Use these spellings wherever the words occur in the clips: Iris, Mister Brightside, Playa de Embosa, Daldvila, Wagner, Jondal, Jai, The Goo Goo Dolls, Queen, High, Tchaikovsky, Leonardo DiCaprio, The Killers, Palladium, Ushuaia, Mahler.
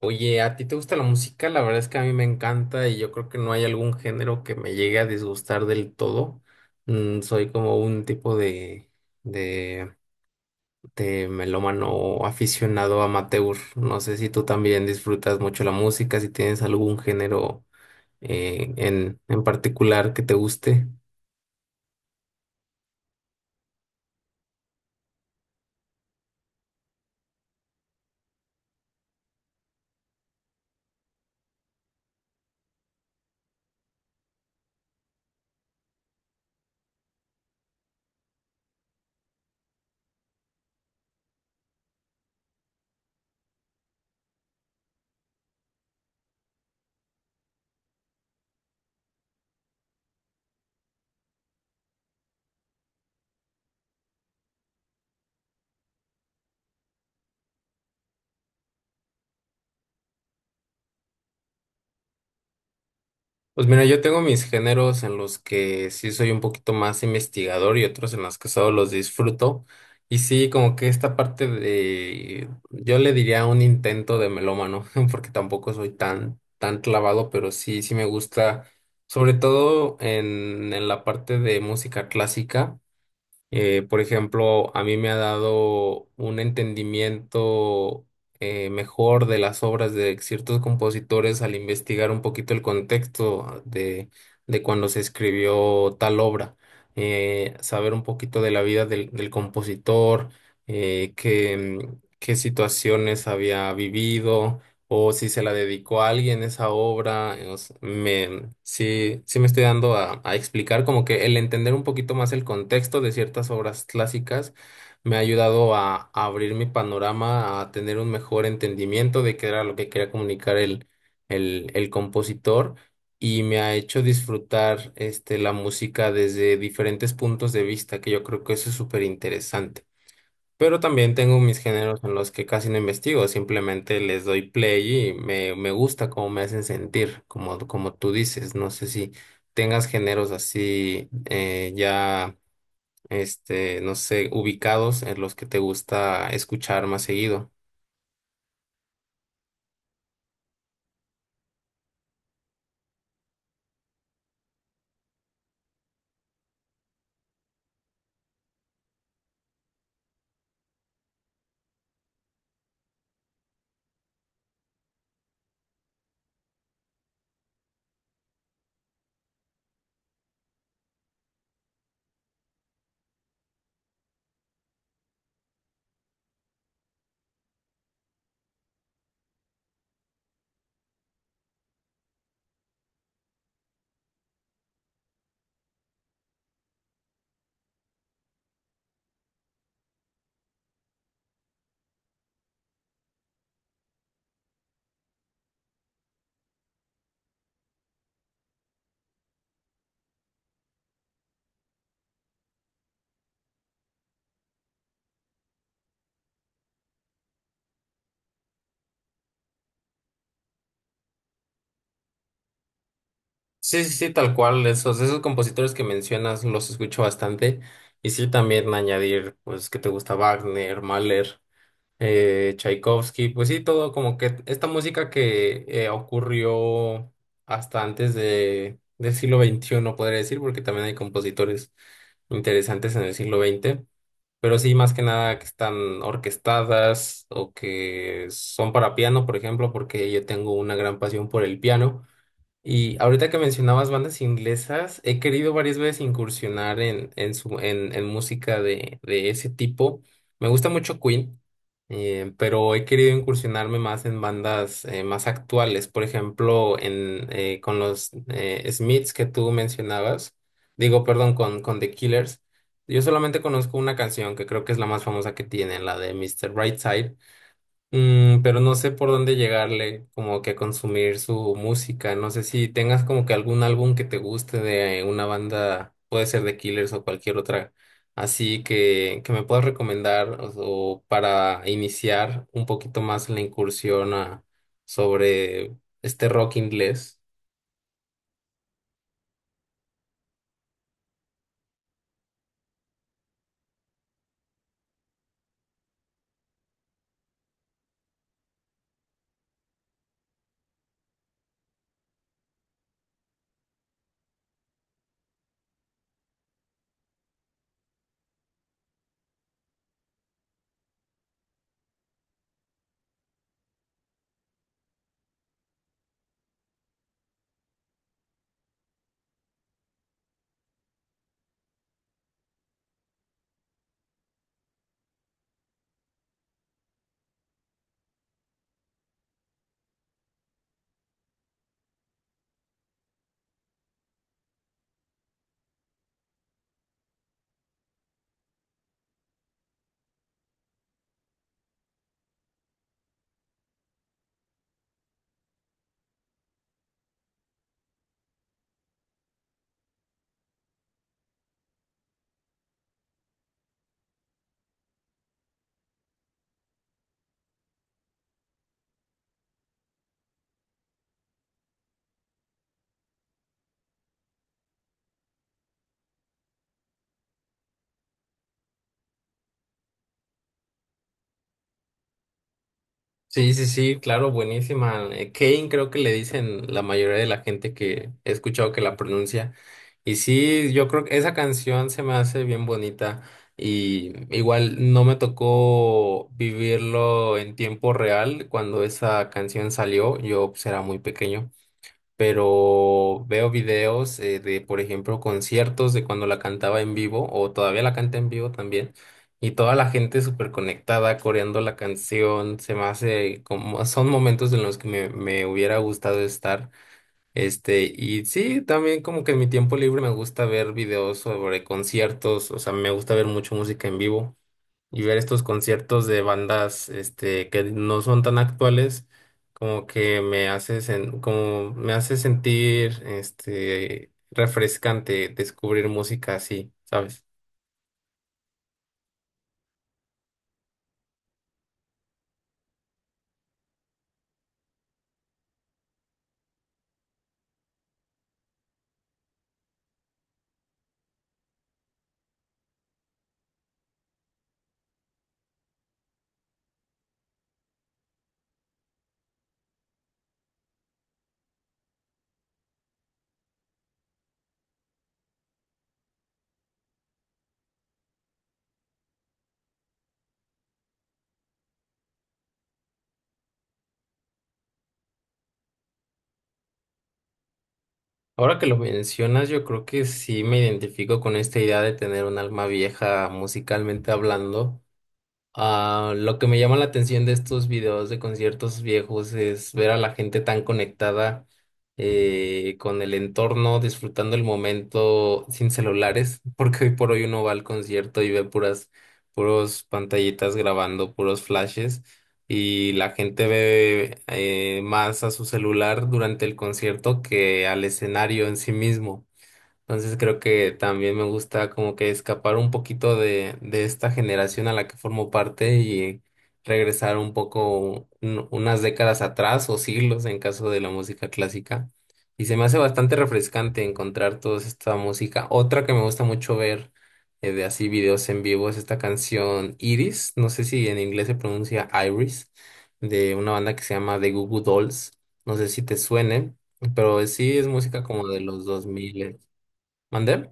Oye, ¿a ti te gusta la música? La verdad es que a mí me encanta y yo creo que no hay algún género que me llegue a disgustar del todo. Soy como un tipo de, de melómano aficionado amateur. No sé si tú también disfrutas mucho la música, si tienes algún género en particular que te guste. Pues mira, yo tengo mis géneros en los que sí soy un poquito más investigador y otros en los que solo los disfruto. Y sí, como que esta parte de, yo le diría un intento de melómano, porque tampoco soy tan, tan clavado, pero sí, sí me gusta, sobre todo en la parte de música clásica. Por ejemplo, a mí me ha dado un entendimiento mejor de las obras de ciertos compositores al investigar un poquito el contexto de cuando se escribió tal obra. Saber un poquito de la vida del compositor, eh, qué, qué situaciones había vivido o si se la dedicó a alguien esa obra. O sea, sí, sí me estoy dando a explicar, como que el entender un poquito más el contexto de ciertas obras clásicas me ha ayudado a abrir mi panorama, a tener un mejor entendimiento de qué era lo que quería comunicar el compositor. Y me ha hecho disfrutar la música desde diferentes puntos de vista, que yo creo que eso es súper interesante. Pero también tengo mis géneros en los que casi no investigo, simplemente les doy play y me gusta cómo me hacen sentir, como tú dices. No sé si tengas géneros así ya, no sé, ubicados en los que te gusta escuchar más seguido. Sí, sí, sí, tal cual. Esos compositores que mencionas los escucho bastante. Y sí, también añadir, pues, que te gusta Wagner, Mahler. Tchaikovsky, pues sí, todo como que esta música que ocurrió hasta antes del siglo XXI, podría decir, porque también hay compositores interesantes en el siglo XX, pero sí, más que nada que están orquestadas o que son para piano, por ejemplo, porque yo tengo una gran pasión por el piano. Y ahorita que mencionabas bandas inglesas, he querido varias veces incursionar en música de ese tipo. Me gusta mucho Queen. Pero he querido incursionarme más en bandas más actuales. Por ejemplo, con los Smiths que tú mencionabas. Digo, perdón, con The Killers. Yo solamente conozco una canción que creo que es la más famosa que tienen, la de Mister Brightside. Pero no sé por dónde llegarle, como que a consumir su música. No sé si tengas como que algún álbum que te guste de una banda, puede ser de Killers o cualquier otra, así que me puedas recomendar o para iniciar un poquito más la incursión sobre este rock inglés. Sí, sí, sí, claro, buenísima. Kane creo que le dicen la mayoría de la gente que he escuchado que la pronuncia. Y sí, yo creo que esa canción se me hace bien bonita. Y igual no me tocó vivirlo en tiempo real cuando esa canción salió. Yo pues, era muy pequeño, pero veo videos de, por ejemplo, conciertos de cuando la cantaba en vivo o todavía la canta en vivo también. Y toda la gente súper conectada, coreando la canción, se me hace como, son momentos en los que me hubiera gustado estar. Y sí, también como que en mi tiempo libre me gusta ver videos sobre conciertos, o sea, me gusta ver mucho música en vivo y ver estos conciertos de bandas que no son tan actuales como me hace sentir refrescante descubrir música así, ¿sabes? Ahora que lo mencionas, yo creo que sí me identifico con esta idea de tener un alma vieja musicalmente hablando. Ah, lo que me llama la atención de estos videos de conciertos viejos es ver a la gente tan conectada con el entorno, disfrutando el momento sin celulares, porque hoy por hoy uno va al concierto y ve puros pantallitas grabando, puros flashes, y la gente ve más a su celular durante el concierto que al escenario en sí mismo. Entonces creo que también me gusta como que escapar un poquito de esta generación a la que formo parte y regresar un poco unas décadas atrás o siglos en caso de la música clásica. Y se me hace bastante refrescante encontrar toda esta música. Otra que me gusta mucho ver de así videos en vivo es esta canción Iris, no sé si en inglés se pronuncia Iris, de una banda que se llama The Goo Goo Dolls. No sé si te suene, pero sí es música como de los dos mil. ¿Mandé?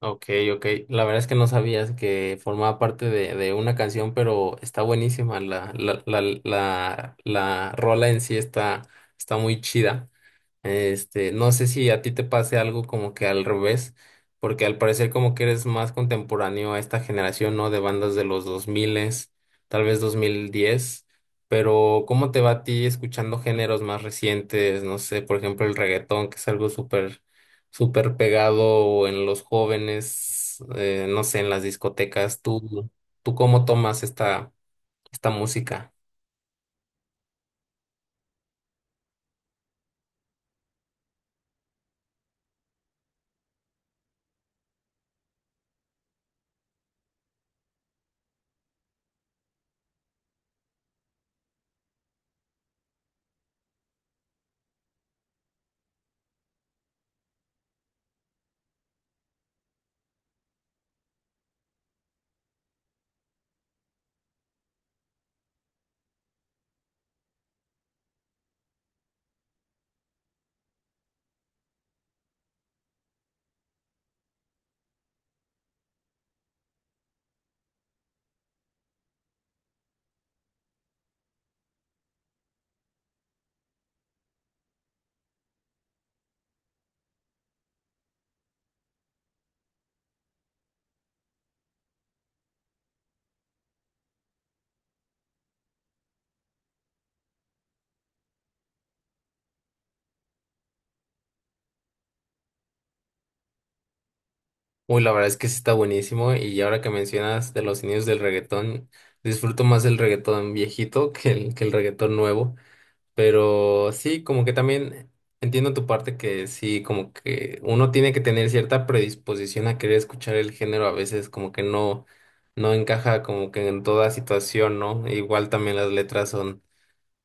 Ok, ok. La verdad es que no sabías que formaba parte de una canción, pero está buenísima. La rola en sí está muy chida. No sé si a ti te pase algo como que al revés, porque al parecer como que eres más contemporáneo a esta generación, ¿no? De bandas de los 2000, tal vez 2010. Pero ¿cómo te va a ti escuchando géneros más recientes? No sé, por ejemplo, el reggaetón, que es algo súper súper pegado en los jóvenes, no sé, en las discotecas. ¿Tú cómo tomas esta música? Uy, la verdad es que sí está buenísimo y ahora que mencionas de los inicios del reggaetón, disfruto más el reggaetón viejito que el reggaetón nuevo, pero sí, como que también entiendo tu parte que sí, como que uno tiene que tener cierta predisposición a querer escuchar el género, a veces como que no, no encaja como que en toda situación, ¿no? Igual también las letras son.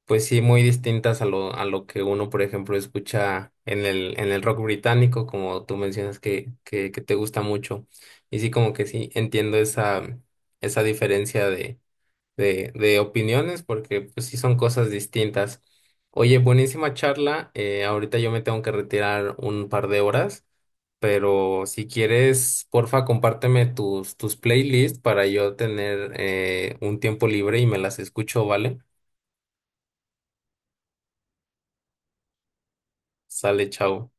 Pues sí, muy distintas a lo que uno, por ejemplo, escucha en el rock británico, como tú mencionas que te gusta mucho. Y sí, como que sí, entiendo esa diferencia de opiniones, porque pues sí son cosas distintas. Oye, buenísima charla. Ahorita yo me tengo que retirar un par de horas, pero si quieres, porfa, compárteme tus playlists para yo tener un tiempo libre y me las escucho, ¿vale? Sale, chao.